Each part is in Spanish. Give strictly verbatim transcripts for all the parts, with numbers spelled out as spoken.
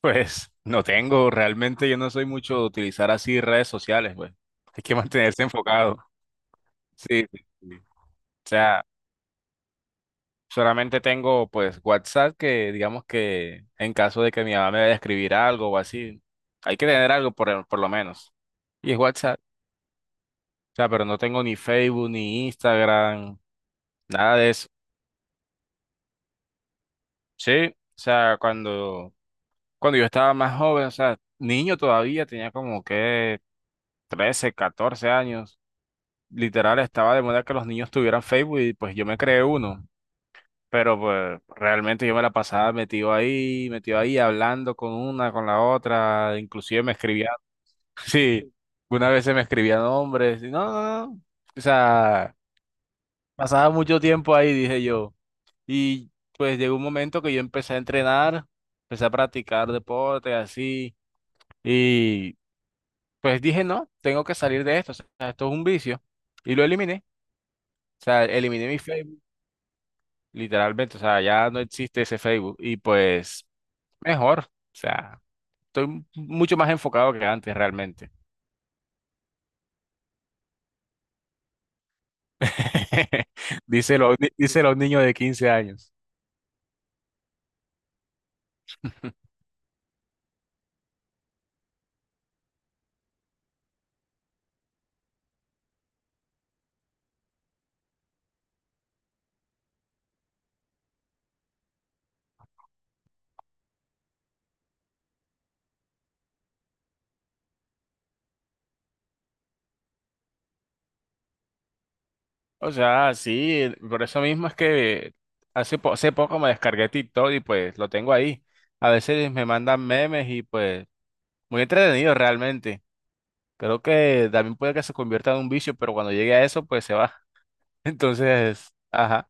Pues no tengo, realmente yo no soy mucho de utilizar así redes sociales, pues. Hay que mantenerse enfocado. Sí, sí, sí. O sea, solamente tengo pues WhatsApp que digamos que en caso de que mi mamá me vaya a escribir algo o así, hay que tener algo por, el- por lo menos. Y es WhatsApp. O sea, pero no tengo ni Facebook, ni Instagram, nada de eso. Sí, o sea, cuando, cuando yo estaba más joven, o sea, niño todavía, tenía como que trece catorce años. Literal estaba de moda que los niños tuvieran Facebook y pues yo me creé uno, pero pues realmente yo me la pasaba metido ahí, metido ahí, hablando con una, con la otra, inclusive me escribía, sí, una vez se me escribían nombres, y no, no, no, no. O sea, pasaba mucho tiempo ahí, dije yo, y pues llegó un momento que yo empecé a entrenar, empecé a practicar deporte, así, y pues dije, no, tengo que salir de esto, o sea, esto es un vicio, y lo eliminé. O sea, eliminé mi Facebook. Literalmente, o sea, ya no existe ese Facebook y pues mejor, o sea, estoy m- mucho más enfocado que antes realmente. dice los, díselo a un niño de quince años. O sea, sí, eh, por eso mismo es que hace, po- hace poco me descargué TikTok y pues lo tengo ahí. A veces me mandan memes y pues muy entretenido realmente. Creo que también puede que se convierta en un vicio, pero cuando llegue a eso pues se va. Entonces, ajá,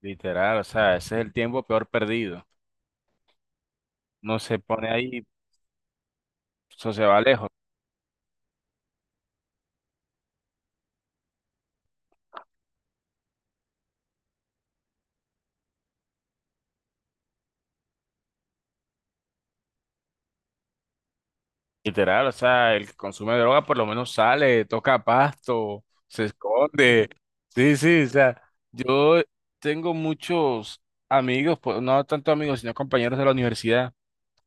literal, o sea, ese es el tiempo peor perdido. No se pone ahí, eso se va lejos. Literal, o sea, el que consume droga por lo menos sale, toca pasto, se esconde. Sí, sí, o sea, yo tengo muchos amigos, pues, no tanto amigos, sino compañeros de la universidad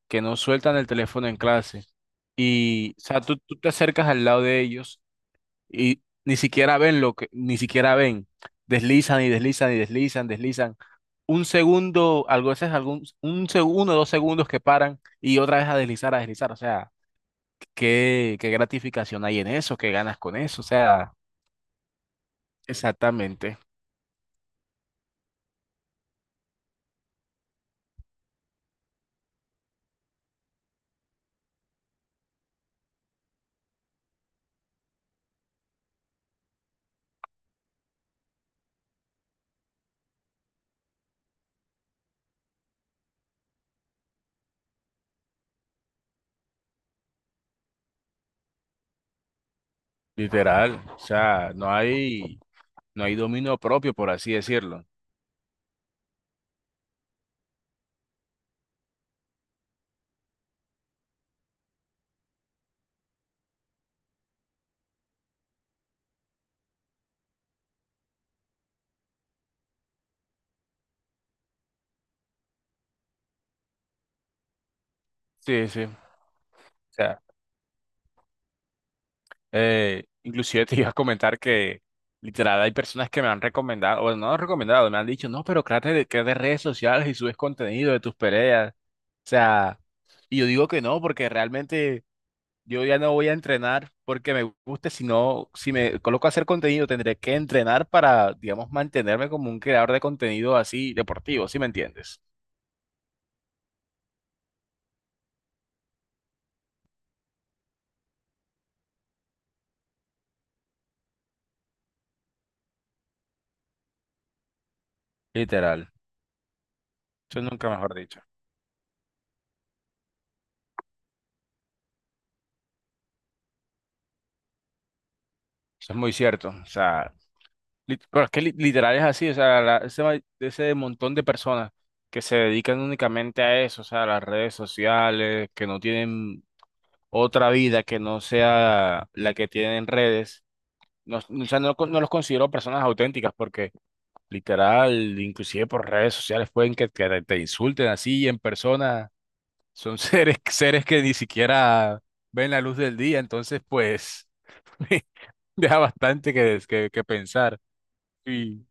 que no sueltan el teléfono en clase. Y, o sea, tú, tú te acercas al lado de ellos y ni siquiera ven lo que, ni siquiera ven. Deslizan y deslizan y deslizan, deslizan. Un segundo, algo ese algún, un segundo, dos segundos que paran y otra vez a deslizar, a deslizar. O sea, qué, qué gratificación hay en eso, qué ganas con eso. O sea, exactamente, literal. O sea, no hay, no hay dominio propio, por así decirlo. Sí, sí. O sea, eh, inclusive te iba a comentar que literal hay personas que me han recomendado, o no han recomendado, me han dicho, no, pero créate de, créate redes sociales y subes contenido de tus peleas. O sea, y yo digo que no, porque realmente yo ya no voy a entrenar porque me guste, sino si me coloco a hacer contenido tendré que entrenar para, digamos, mantenerme como un creador de contenido así deportivo, ¿sí me entiendes? Literal. Eso nunca mejor dicho. Eso es muy cierto. O sea, Lit- pero es que li- literal es así, o sea, la- ese, ma- ese montón de personas que se dedican únicamente a eso, o sea, a las redes sociales, que no tienen otra vida que no sea la que tienen en redes, no, o sea, no, con- no los considero personas auténticas porque literal, inclusive por redes sociales pueden que, que te te insulten así y en persona, son seres, seres que ni siquiera ven la luz del día, entonces pues deja bastante que, que, que pensar. Sí.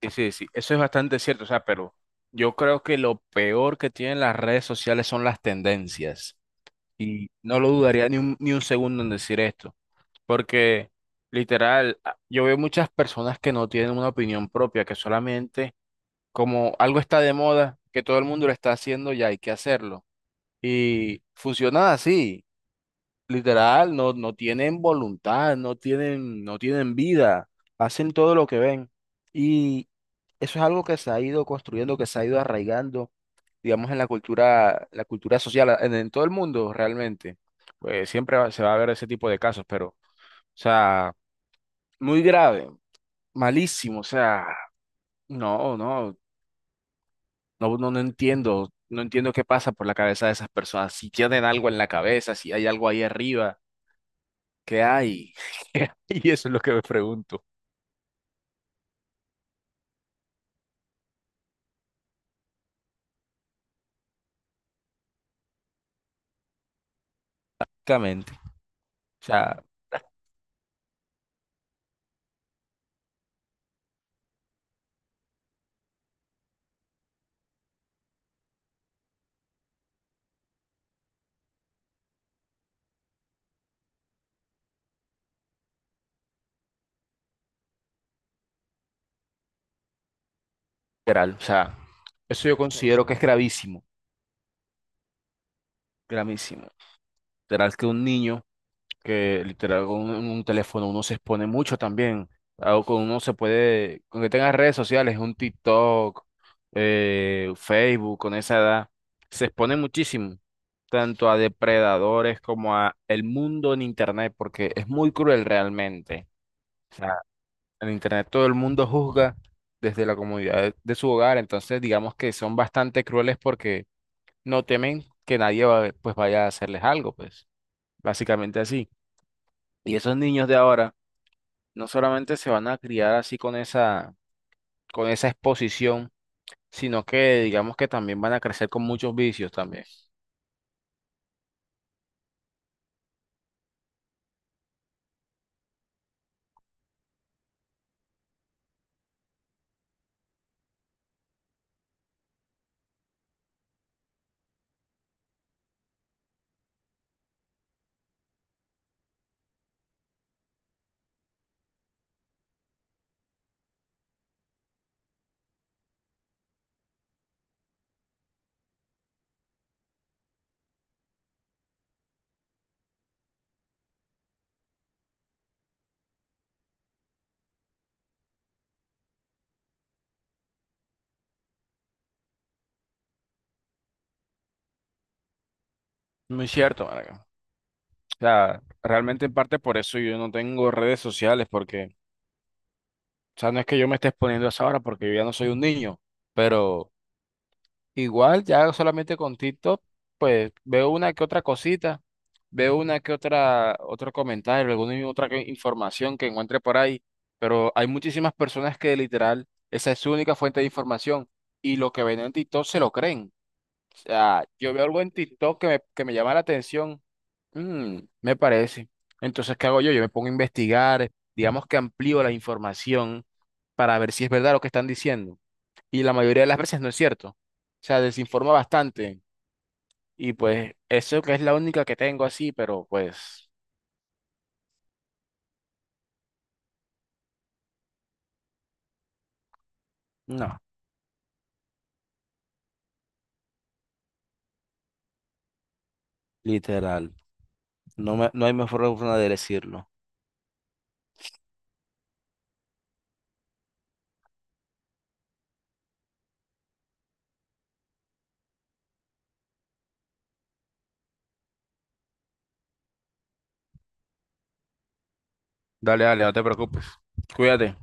Sí, sí, sí, eso es bastante cierto, o sea, pero yo creo que lo peor que tienen las redes sociales son las tendencias. Y no lo dudaría ni un, ni un segundo en decir esto, porque literal, a- yo veo muchas personas que no tienen una opinión propia, que solamente como algo está de moda, que todo el mundo lo está haciendo, ya hay que hacerlo. Y funciona así. Literal, no, no tienen voluntad, no tienen, no tienen vida, hacen todo lo que ven. Y eso es algo que se ha ido construyendo, que se ha ido arraigando, digamos, en la cultura, la cultura social, en, en todo el mundo realmente. Pues siempre va- se va a ver ese tipo de casos, pero, o sea, muy grave, malísimo, o sea, no, no, no, no, no entiendo, no entiendo qué pasa por la cabeza de esas personas, si tienen algo en la cabeza, si hay algo ahí arriba. ¿Qué hay? ¿Qué hay? Y eso es lo que me pregunto. Exactamente. O sea, literal, o sea, eso yo considero que es gravísimo, gravísimo. Literal que un niño que literal con un, un teléfono uno se expone mucho también. O con uno se puede, con que tenga redes sociales, un TikTok, eh, Facebook, con esa edad, se expone muchísimo, tanto a depredadores como a el mundo en internet, porque es muy cruel realmente. En internet todo el mundo juzga desde la comodidad de, de su hogar, entonces digamos que son bastante crueles porque no temen que nadie va- pues vaya a hacerles algo, pues básicamente así. Y esos niños de ahora no solamente se van a criar así con esa, con esa exposición, sino que digamos que también van a crecer con muchos vicios también. Muy cierto, marica. O sea, realmente en parte por eso yo no tengo redes sociales, porque, o sea, no es que yo me esté exponiendo a esa hora porque yo ya no soy un niño, pero igual, ya solamente con TikTok, pues veo una que otra cosita, veo una que otra, otro comentario, alguna otra que- información que encuentre por ahí, pero hay muchísimas personas que literal, esa es su única fuente de información y lo que ven en TikTok se lo creen. O sea, yo veo algo en TikTok que me, que me llama la atención, mm, me parece. Entonces, ¿qué hago yo? Yo me pongo a investigar, digamos que amplío la información para ver si es verdad lo que están diciendo y la mayoría de las veces no es cierto. O sea, desinforma bastante y pues eso que es la única que tengo así, pero pues no. Literal. No me, no hay mejor forma de decirlo. Dale, dale, no te preocupes. Cuídate.